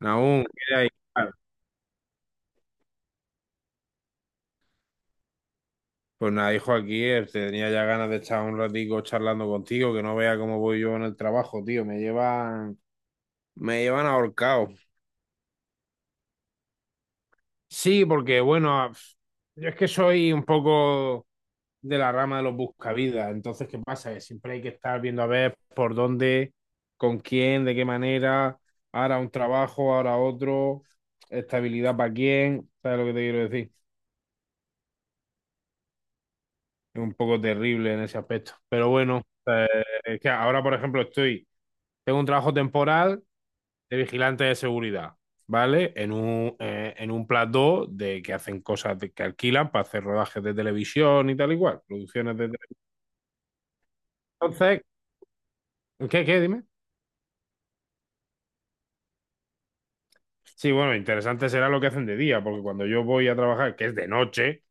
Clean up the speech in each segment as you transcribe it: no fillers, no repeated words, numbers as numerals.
Nahum, ¿qué hay? Pues nada, hijo, aquí tenía ya ganas de estar un ratico charlando contigo, que no vea cómo voy yo en el trabajo, tío. Me llevan ahorcado. Sí, porque bueno, yo es que soy un poco de la rama de los buscavidas. Entonces, ¿qué pasa? Que siempre hay que estar viendo a ver por dónde, con quién, de qué manera, ahora un trabajo, ahora otro, estabilidad para quién, ¿sabes lo que te quiero decir? Un poco terrible en ese aspecto. Pero bueno, es que ahora, por ejemplo, tengo un trabajo temporal de vigilante de seguridad, ¿vale? En un plató de que que alquilan para hacer rodajes de televisión y tal y cual, producciones de entonces, ¿qué? Dime. Sí, bueno, interesante será lo que hacen de día, porque cuando yo voy a trabajar, que es de noche,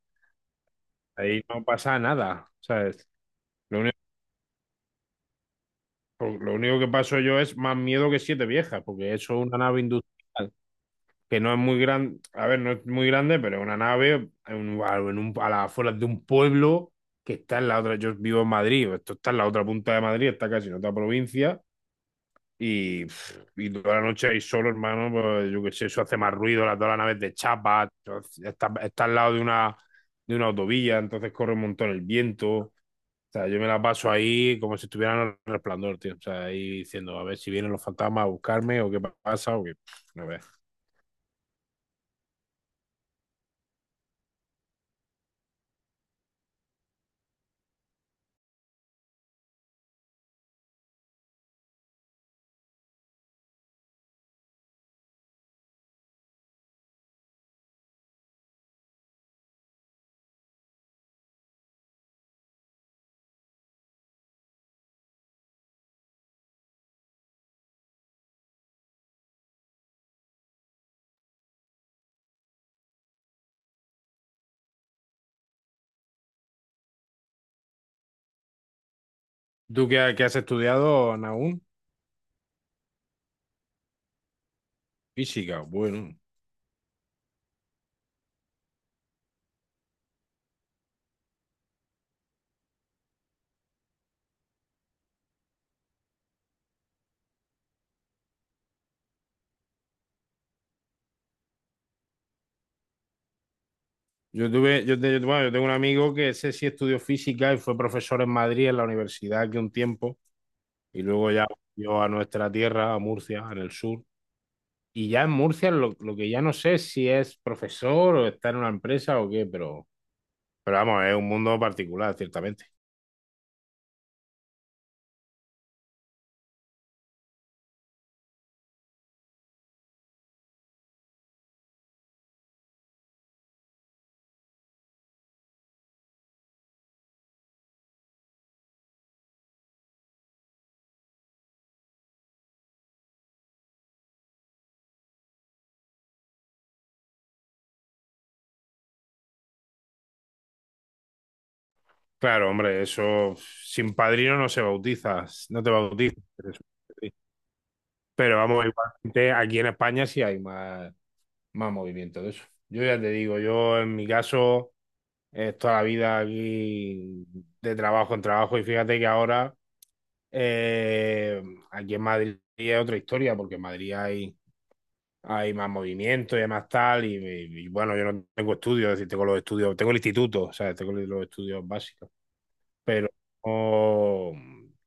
ahí no pasa nada, ¿sabes? Lo único, lo único que paso yo es más miedo que siete viejas, porque eso es una nave industrial, que no es muy grande. A ver, no es muy grande, pero es una nave a las afueras de un pueblo que está en la otra... Yo vivo en Madrid, esto está en la otra punta de Madrid, está casi en otra provincia, y, pff, y toda la noche ahí solo, hermano, pues yo qué sé, eso hace más ruido, todas las naves de chapa, entonces, está al lado de una autovía, entonces corre un montón el viento, o sea, yo me la paso ahí como si estuviera en el resplandor, tío, o sea, ahí diciendo, a ver si vienen los fantasmas a buscarme o qué pasa, o qué, no veas. ¿Tú qué, qué has estudiado, Nahum? Física, bueno. Yo tuve, yo, te- bueno, yo tengo un amigo que ese sí estudió física y fue profesor en Madrid, en la universidad, aquí un tiempo, y luego ya volvió a nuestra tierra, a Murcia, en el sur. Y ya en Murcia lo que ya no sé es si es profesor o está en una empresa o qué, pero vamos, es un mundo particular, ciertamente. Claro, hombre, eso sin padrino no se bautiza, no te bautizas. Pero vamos, igualmente aquí en España sí hay más. Más movimiento de eso. Yo ya te digo, yo en mi caso es toda la vida aquí de trabajo en trabajo, y fíjate que ahora eh, aquí en Madrid es otra historia porque en Madrid hay, hay más movimiento y hay más tal bueno, yo no tengo estudios, es decir, tengo los estudios, tengo el instituto, o sea, tengo los estudios básicos, pero, oh,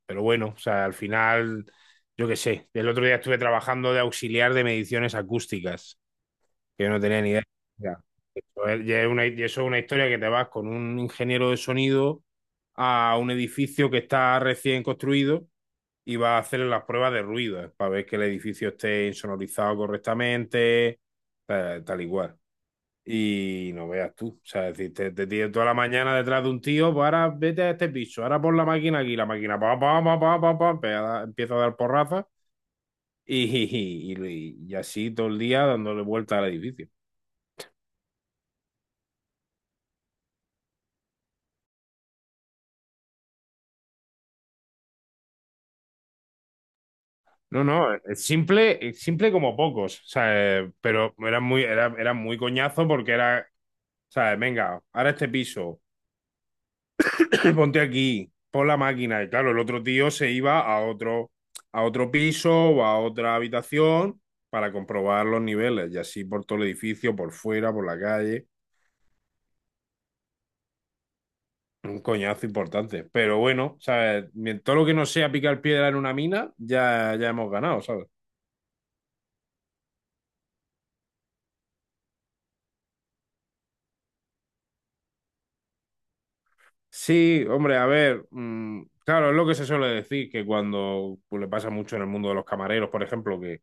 pero bueno, o sea, al final, yo qué sé, el otro día estuve trabajando de auxiliar de mediciones acústicas que yo no tenía ni idea. Ya. Eso es, ya es una, y eso es una historia que te vas con un ingeniero de sonido a un edificio que está recién construido y vas a hacer las pruebas de ruido para ver que el edificio esté insonorizado correctamente, tal, tal y cual. Y no veas tú, o sea, es decir, te tienes toda la mañana detrás de un tío, pues ahora vete a este piso, ahora pon la máquina aquí, la máquina pa, pa, pa, pa, pa, pa, empieza a dar porrazas y, y así todo el día dándole vuelta al edificio. No, no, es simple como pocos, o sea, pero era muy, era muy coñazo porque era, ¿sabes? Venga, ahora este piso, ponte aquí, pon la máquina. Y claro, el otro tío se iba a otro piso o a otra habitación para comprobar los niveles. Y así por todo el edificio, por fuera, por la calle. Un coñazo importante. Pero bueno, ¿sabes? Todo lo que no sea picar piedra en una mina, ya, ya hemos ganado, ¿sabes? Sí, hombre, a ver, claro, es lo que se suele decir, que cuando pues, le pasa mucho en el mundo de los camareros, por ejemplo, que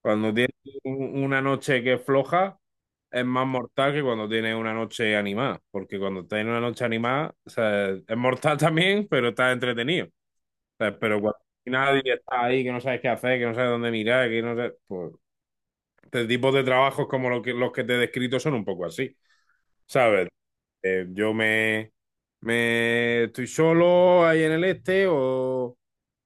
cuando tienes una noche que es floja, es más mortal que cuando tienes una noche animada, porque cuando tienes una noche animada, o sea, es mortal también, pero estás entretenido. O sea, pero cuando nadie está ahí, que no sabes qué hacer, que no sabes dónde mirar, que no sabes, pues, este tipo de trabajos como los que te he descrito son un poco así. ¿Sabes? Eh, yo me, me estoy solo ahí en el este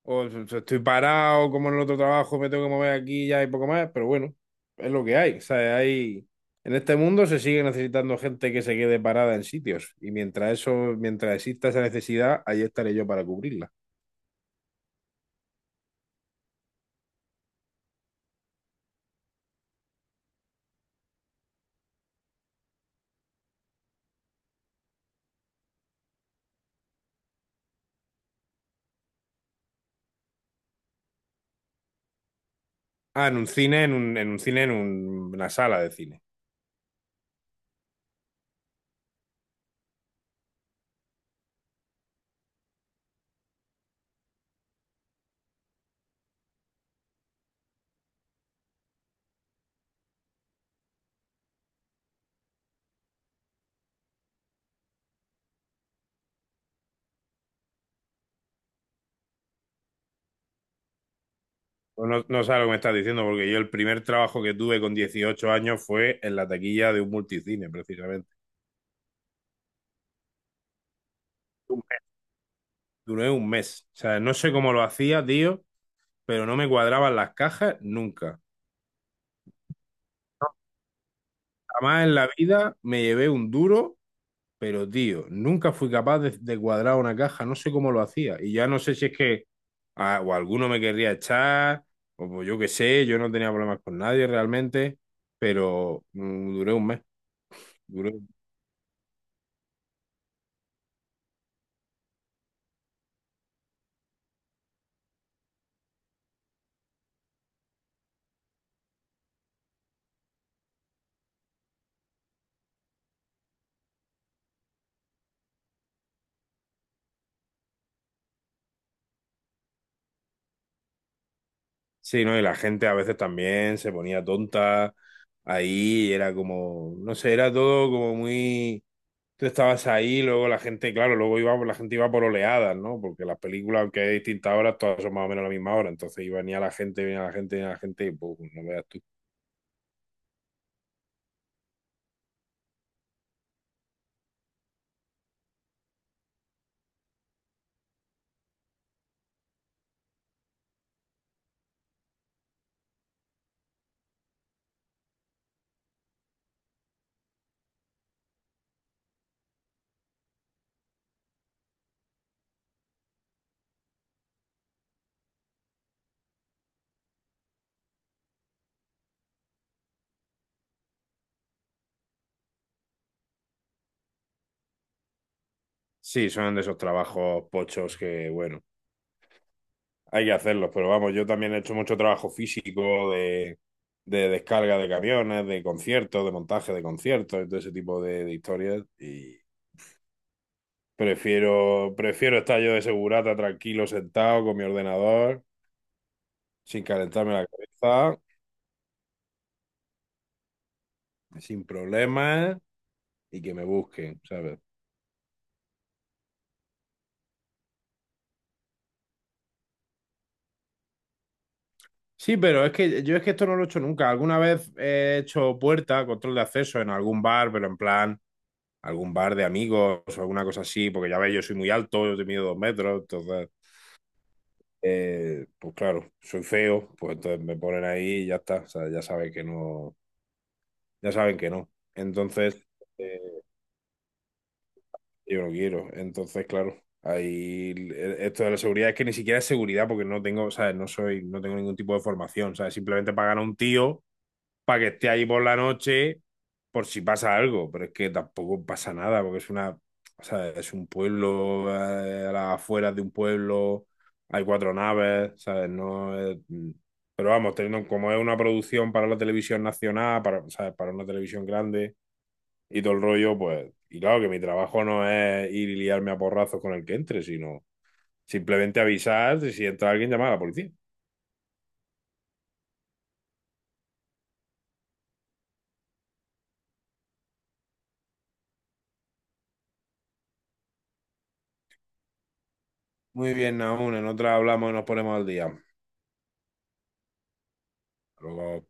so estoy parado como en el otro trabajo, me tengo que mover aquí ya y poco más, pero bueno, es lo que hay. O sea, hay, en este mundo se sigue necesitando gente que se quede parada en sitios y mientras eso, mientras exista esa necesidad, ahí estaré yo para cubrirla. Ah, en un cine, en un cine, una sala de cine. Pues no, no sabes lo que me estás diciendo, porque yo el primer trabajo que tuve con 18 años fue en la taquilla de un multicine, precisamente. Duré un mes. O sea, no sé cómo lo hacía, tío, pero no me cuadraban las cajas nunca. Jamás en la vida me llevé un duro, pero tío, nunca fui capaz de cuadrar una caja, no sé cómo lo hacía. Y ya no sé si es que o alguno me querría echar, o pues yo qué sé, yo no tenía problemas con nadie realmente, pero duré un mes. duré- Sí, ¿no? Y la gente a veces también se ponía tonta ahí, y era como, no sé, era todo como muy... Tú estabas ahí, luego la gente, claro, luego iba, la gente iba por oleadas, ¿no? Porque las películas, aunque hay distintas horas, todas son más o menos a la misma hora. Entonces iba venía la gente, venía la gente, venía la gente, y pues, no veas tú. Sí, son de esos trabajos pochos que, bueno, hay que hacerlos, pero vamos, yo también he hecho mucho trabajo físico de descarga de camiones, de conciertos, de montaje de conciertos, y todo ese tipo de historias. Y prefiero, prefiero estar yo de segurata, tranquilo, sentado con mi ordenador, sin calentarme la cabeza, sin problemas, y que me busquen, ¿sabes? Sí, pero es que yo es que esto no lo he hecho nunca. Alguna vez he hecho puerta, control de acceso en algún bar, pero en plan, algún bar de amigos o alguna cosa así, porque ya veis, yo soy muy alto, yo te mido 2 metros, entonces, pues claro, soy feo, pues entonces me ponen ahí y ya está. O sea, ya saben que no, ya saben que no. Entonces, eh, yo no quiero. Entonces, claro, ahí esto de la seguridad es que ni siquiera es seguridad porque no tengo, ¿sabes? No soy, no tengo ningún tipo de formación, ¿sabes? Simplemente pagan a un tío para que esté ahí por la noche por si pasa algo, pero es que tampoco pasa nada porque es una, o sea, es un pueblo, a las afueras de un pueblo, hay cuatro naves, ¿sabes? No es... Pero vamos, teniendo como es una producción para la televisión nacional, para, ¿sabes? Para una televisión grande y todo el rollo, pues, y claro que mi trabajo no es ir y liarme a porrazos con el que entre, sino simplemente avisar y si entra alguien, llamar a la policía. Muy bien, Naún, en otra hablamos y nos ponemos al día. Luego.